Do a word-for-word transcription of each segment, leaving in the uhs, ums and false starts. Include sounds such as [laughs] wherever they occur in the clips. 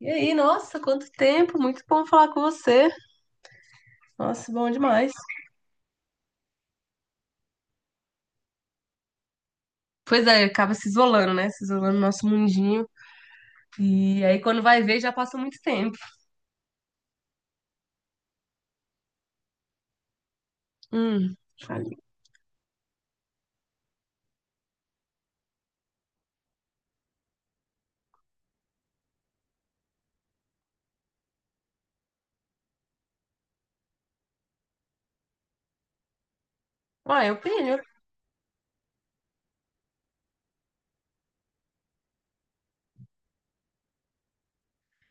E aí, nossa, quanto tempo! Muito bom falar com você. Nossa, bom demais. Pois é, acaba se isolando, né? Se isolando no nosso mundinho. E aí, quando vai ver, já passa muito tempo. Hum. Falei. Uai, eu pilho.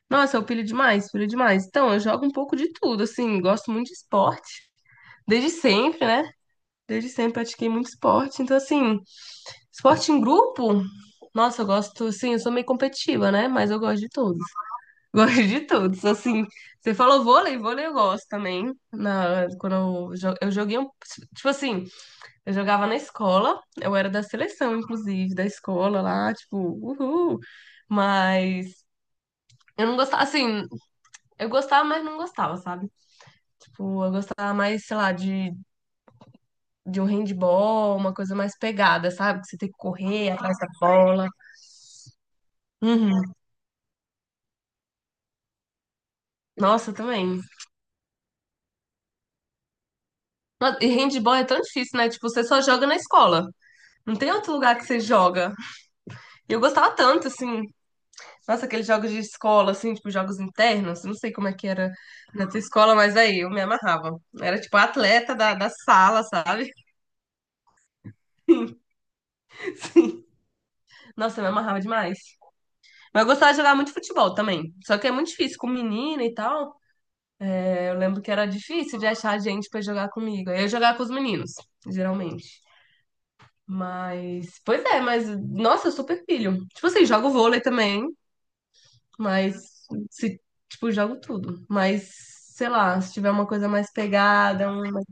Nossa, eu pilho demais, pilho demais. Então, eu jogo um pouco de tudo, assim, gosto muito de esporte. Desde sempre, né? Desde sempre pratiquei muito esporte. Então, assim, esporte em grupo, nossa, eu gosto, assim, eu sou meio competitiva, né? Mas eu gosto de tudo. Gosto de todos. Assim, você falou vôlei, vôlei eu gosto também. Na, quando eu, jo- eu joguei um. Tipo assim, eu jogava na escola, eu era da seleção, inclusive, da escola lá, tipo, uhul. Mas eu não gostava, assim, eu gostava, mas não gostava, sabe? Tipo, eu gostava mais, sei lá, de, de um handball, uma coisa mais pegada, sabe? Que você tem que correr atrás da bola. Uhum. Nossa, também. Nossa, e handball é tão difícil, né? Tipo, você só joga na escola. Não tem outro lugar que você joga. E eu gostava tanto, assim. Nossa, aqueles jogos de escola, assim, tipo, jogos internos. Não sei como é que era na tua escola, mas aí eu me amarrava. Era tipo a atleta da, da sala, sabe? [laughs] Sim. Nossa, eu me amarrava demais. Mas eu gostava de jogar muito futebol também. Só que é muito difícil com menina e tal. É, eu lembro que era difícil de achar gente pra jogar comigo. Aí eu jogava com os meninos, geralmente. Mas, pois é, mas, nossa, eu super pilho. Tipo assim, jogo vôlei também. Mas se, tipo, jogo tudo. Mas, sei lá, se tiver uma coisa mais pegada, uma.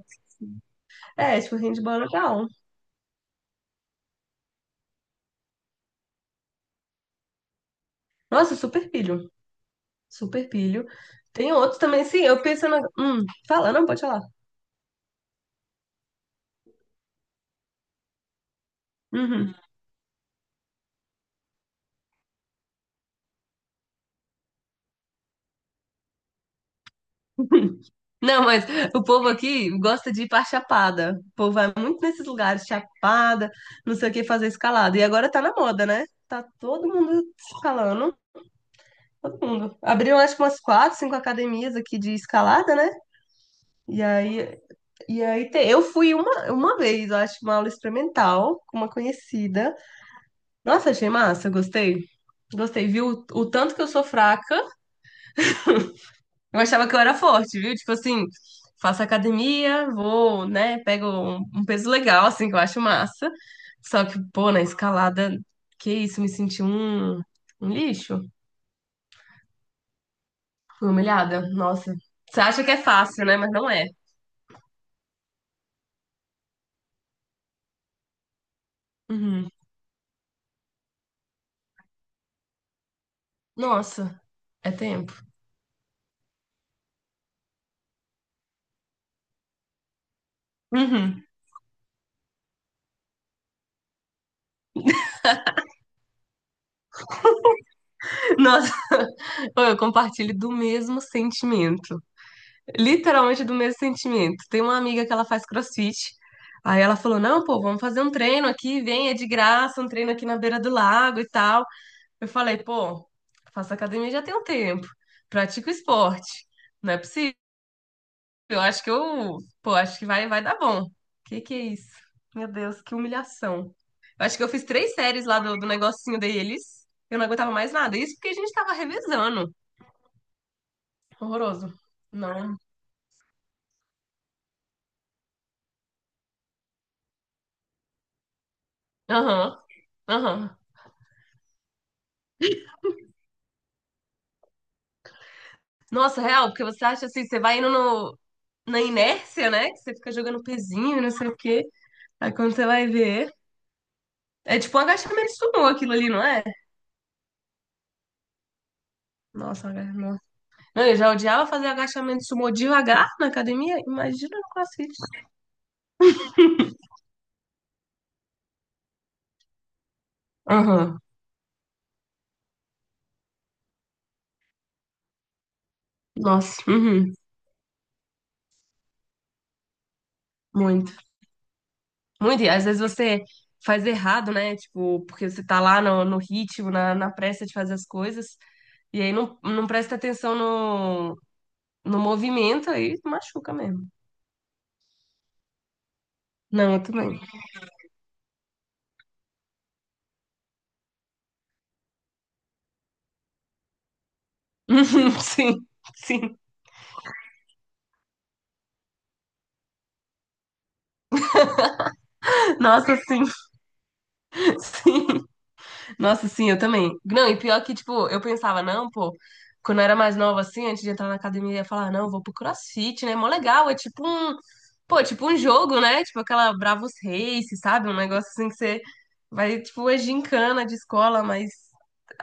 É, tipo, handball é legal. Nossa, super pilho. Super pilho. Tem outros também, sim. Eu penso na. Hum, fala, não, pode falar. Uhum. Não, mas o povo aqui gosta de ir pra Chapada. O povo vai muito nesses lugares, Chapada, não sei o que, fazer escalada. E agora tá na moda, né? Tá todo mundo escalando. Todo mundo. Abriram, acho que umas quatro, cinco academias aqui de escalada, né? E aí E aí tem- eu fui uma, uma vez, eu acho, uma aula experimental com uma conhecida. Nossa, achei massa, gostei. Gostei, viu? O, o tanto que eu sou fraca. Eu achava que eu era forte, viu? Tipo assim, faço academia, vou, né, pego um, um peso legal, assim, que eu acho massa. Só que, pô, na escalada, que isso, me senti um, um lixo. Fui humilhada. Nossa. Você acha que é fácil, né? Mas não é. Uhum. Nossa, é tempo. Uhum. [laughs] Nossa. Pô, eu compartilho do mesmo sentimento. Literalmente do mesmo sentimento. Tem uma amiga que ela faz CrossFit. Aí ela falou: Não, pô, vamos fazer um treino aqui, vem, é de graça, um treino aqui na beira do lago e tal. Eu falei: Pô, faço academia já tem um tempo, pratico esporte. Não é possível. Eu acho que eu, pô, acho que vai, vai dar bom. Que que é isso? Meu Deus, que humilhação. Eu acho que eu fiz três séries lá do, do negocinho deles. Eu não aguentava mais nada. Isso porque a gente tava revezando. Horroroso. Não, aham, aham. Nossa, real, porque você acha assim, você vai indo no, na inércia, né? Que você fica jogando pezinho e não sei o quê. Aí quando você vai ver. É tipo um agachamento sumô aquilo ali, não é? Nossa, um aga- nossa. Não, eu já odiava fazer agachamento sumô devagar na academia. Imagina no CrossFit. Aham. Nossa, uhum. Muito. Muito. E às vezes você faz errado, né? Tipo, porque você tá lá no, no ritmo, na, na pressa de fazer as coisas. E aí não, não presta atenção no, no movimento, aí machuca mesmo. Não, eu também. [laughs] Sim, sim. Nossa, sim, sim. Nossa, sim, eu também. Não, e pior que, tipo, eu pensava, não, pô, quando eu era mais nova, assim, antes de entrar na academia, eu ia falar, não, eu vou pro CrossFit, né? Mó legal, é tipo um, pô, é tipo um jogo, né? Tipo aquela Bravos Race, sabe? Um negócio assim que você vai, tipo, é gincana de escola, mas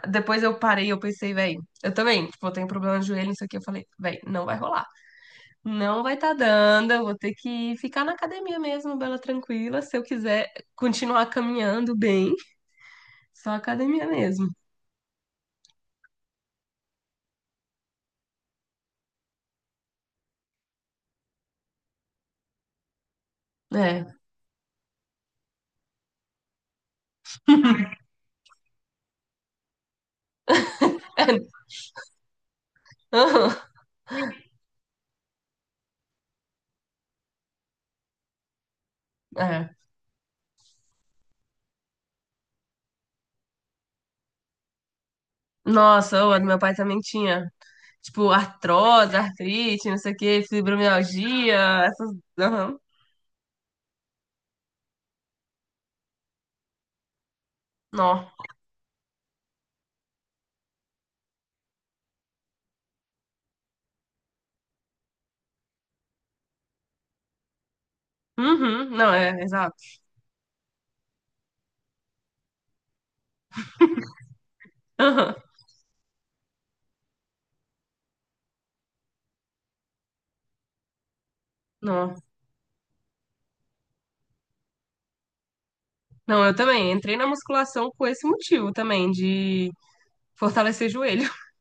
depois eu parei, eu pensei, velho, eu também, tipo, eu tenho problema no joelho, não sei o que, eu falei, velho, não vai rolar. Não vai estar dando, eu vou ter que ficar na academia mesmo, bela tranquila, se eu quiser continuar caminhando bem, só academia mesmo. É. [laughs] Aham, é. Nossa, o meu pai também tinha, tipo, artrose, artrite, não sei o que fibromialgia, essas. Aham. Não. Uhum. Não, é, exato. Aham. Não. Não, eu também entrei na musculação com esse motivo também, de fortalecer joelho. [laughs]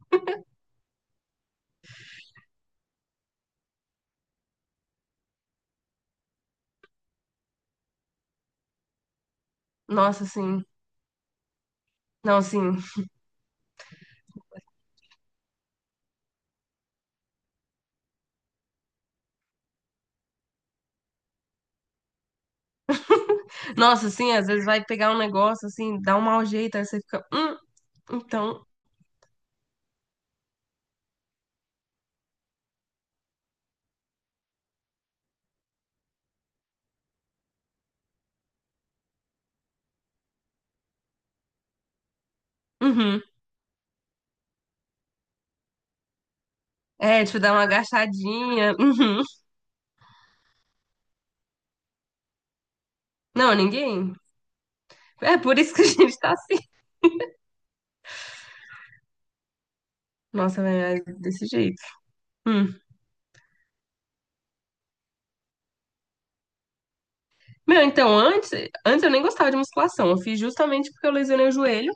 Nossa, sim. Não, sim. Nossa, assim, às vezes vai pegar um negócio, assim, dá um mau jeito, aí você fica, hum, então, uhum. É, tipo, dá uma agachadinha, [laughs] uhum. Não, ninguém. É por isso que a [laughs] gente tá assim. Nossa, velho, é desse jeito. Hum. Meu, então, antes, antes eu nem gostava de musculação. Eu fiz justamente porque eu lesionei o joelho.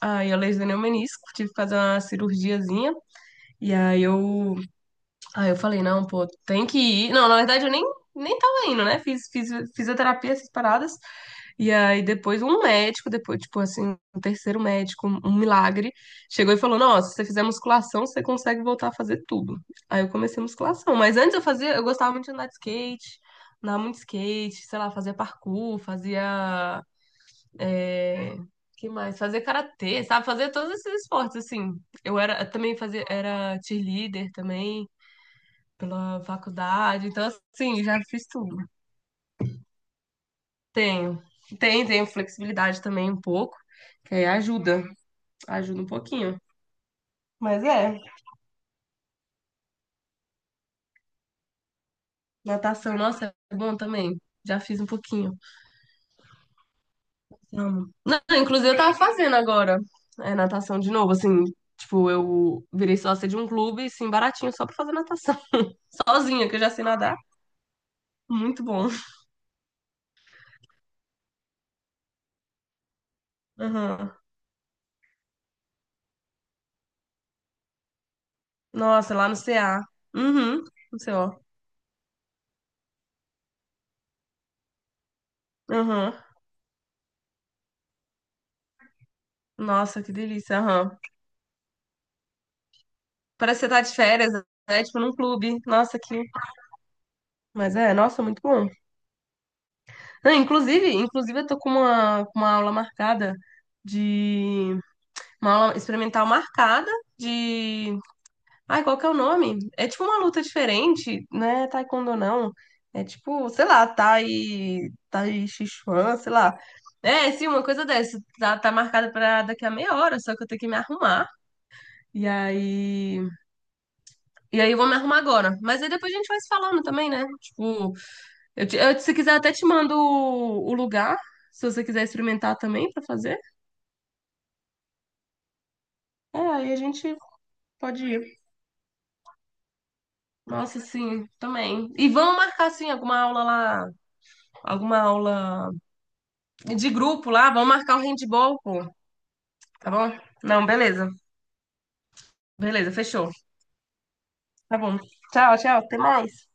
Aí eu lesionei o menisco, tive que fazer uma cirurgiazinha. E aí eu, aí eu falei, não, pô, tem que ir. Não, na verdade eu nem, nem tava indo, né? Fiz, fiz fisioterapia, essas paradas. E aí depois um médico, depois, tipo assim, um terceiro médico, um um milagre, chegou e falou: Nossa, se você fizer musculação, você consegue voltar a fazer tudo. Aí eu comecei musculação. Mas antes eu fazia, eu gostava muito de andar de skate, andar muito de skate, sei lá, fazia parkour, fazia. É... Que mais? Fazia karatê, sabe? Fazia todos esses esportes, assim. Eu era eu também fazia, era cheerleader também pela faculdade. Então, assim, já fiz tudo. Tenho. Tem, tenho flexibilidade também um pouco, que aí ajuda, ajuda um pouquinho. Mas é, natação, nossa, é bom também. Já fiz um pouquinho. Amo. Não, inclusive eu tava fazendo agora é, natação de novo, assim, tipo, eu virei sócia de um clube, assim, baratinho, só pra fazer natação. [laughs] Sozinha, que eu já sei nadar. Muito bom. Aham. Nossa, lá no C A. Uhum, no C O. Aham. Nossa, que delícia. Aham. Parece que você tá de férias, né? Tipo, num clube. Nossa, que. Mas é, nossa, muito bom. Não, inclusive, inclusive eu tô com uma, com uma aula marcada de uma aula experimental marcada de, ai, qual que é o nome? É tipo uma luta diferente, né? Taekwondo não. É tipo, sei lá, Tai, Tai Chi Chuan, sei lá. É, sim, uma coisa dessa. Tá, tá marcada pra daqui a meia hora, só que eu tenho que me arrumar. E aí, e aí eu vou me arrumar agora. Mas aí depois a gente vai se falando também, né? Tipo, Eu, te- eu, se quiser, até te mando o, o lugar, se você quiser experimentar também pra fazer. É, aí a gente pode ir. Nossa, sim, também. E vamos marcar, sim, alguma aula lá, alguma aula de grupo lá, vamos marcar o handball, pô, tá bom? Não, beleza. Beleza, fechou. Tá bom. Tchau, tchau, até mais.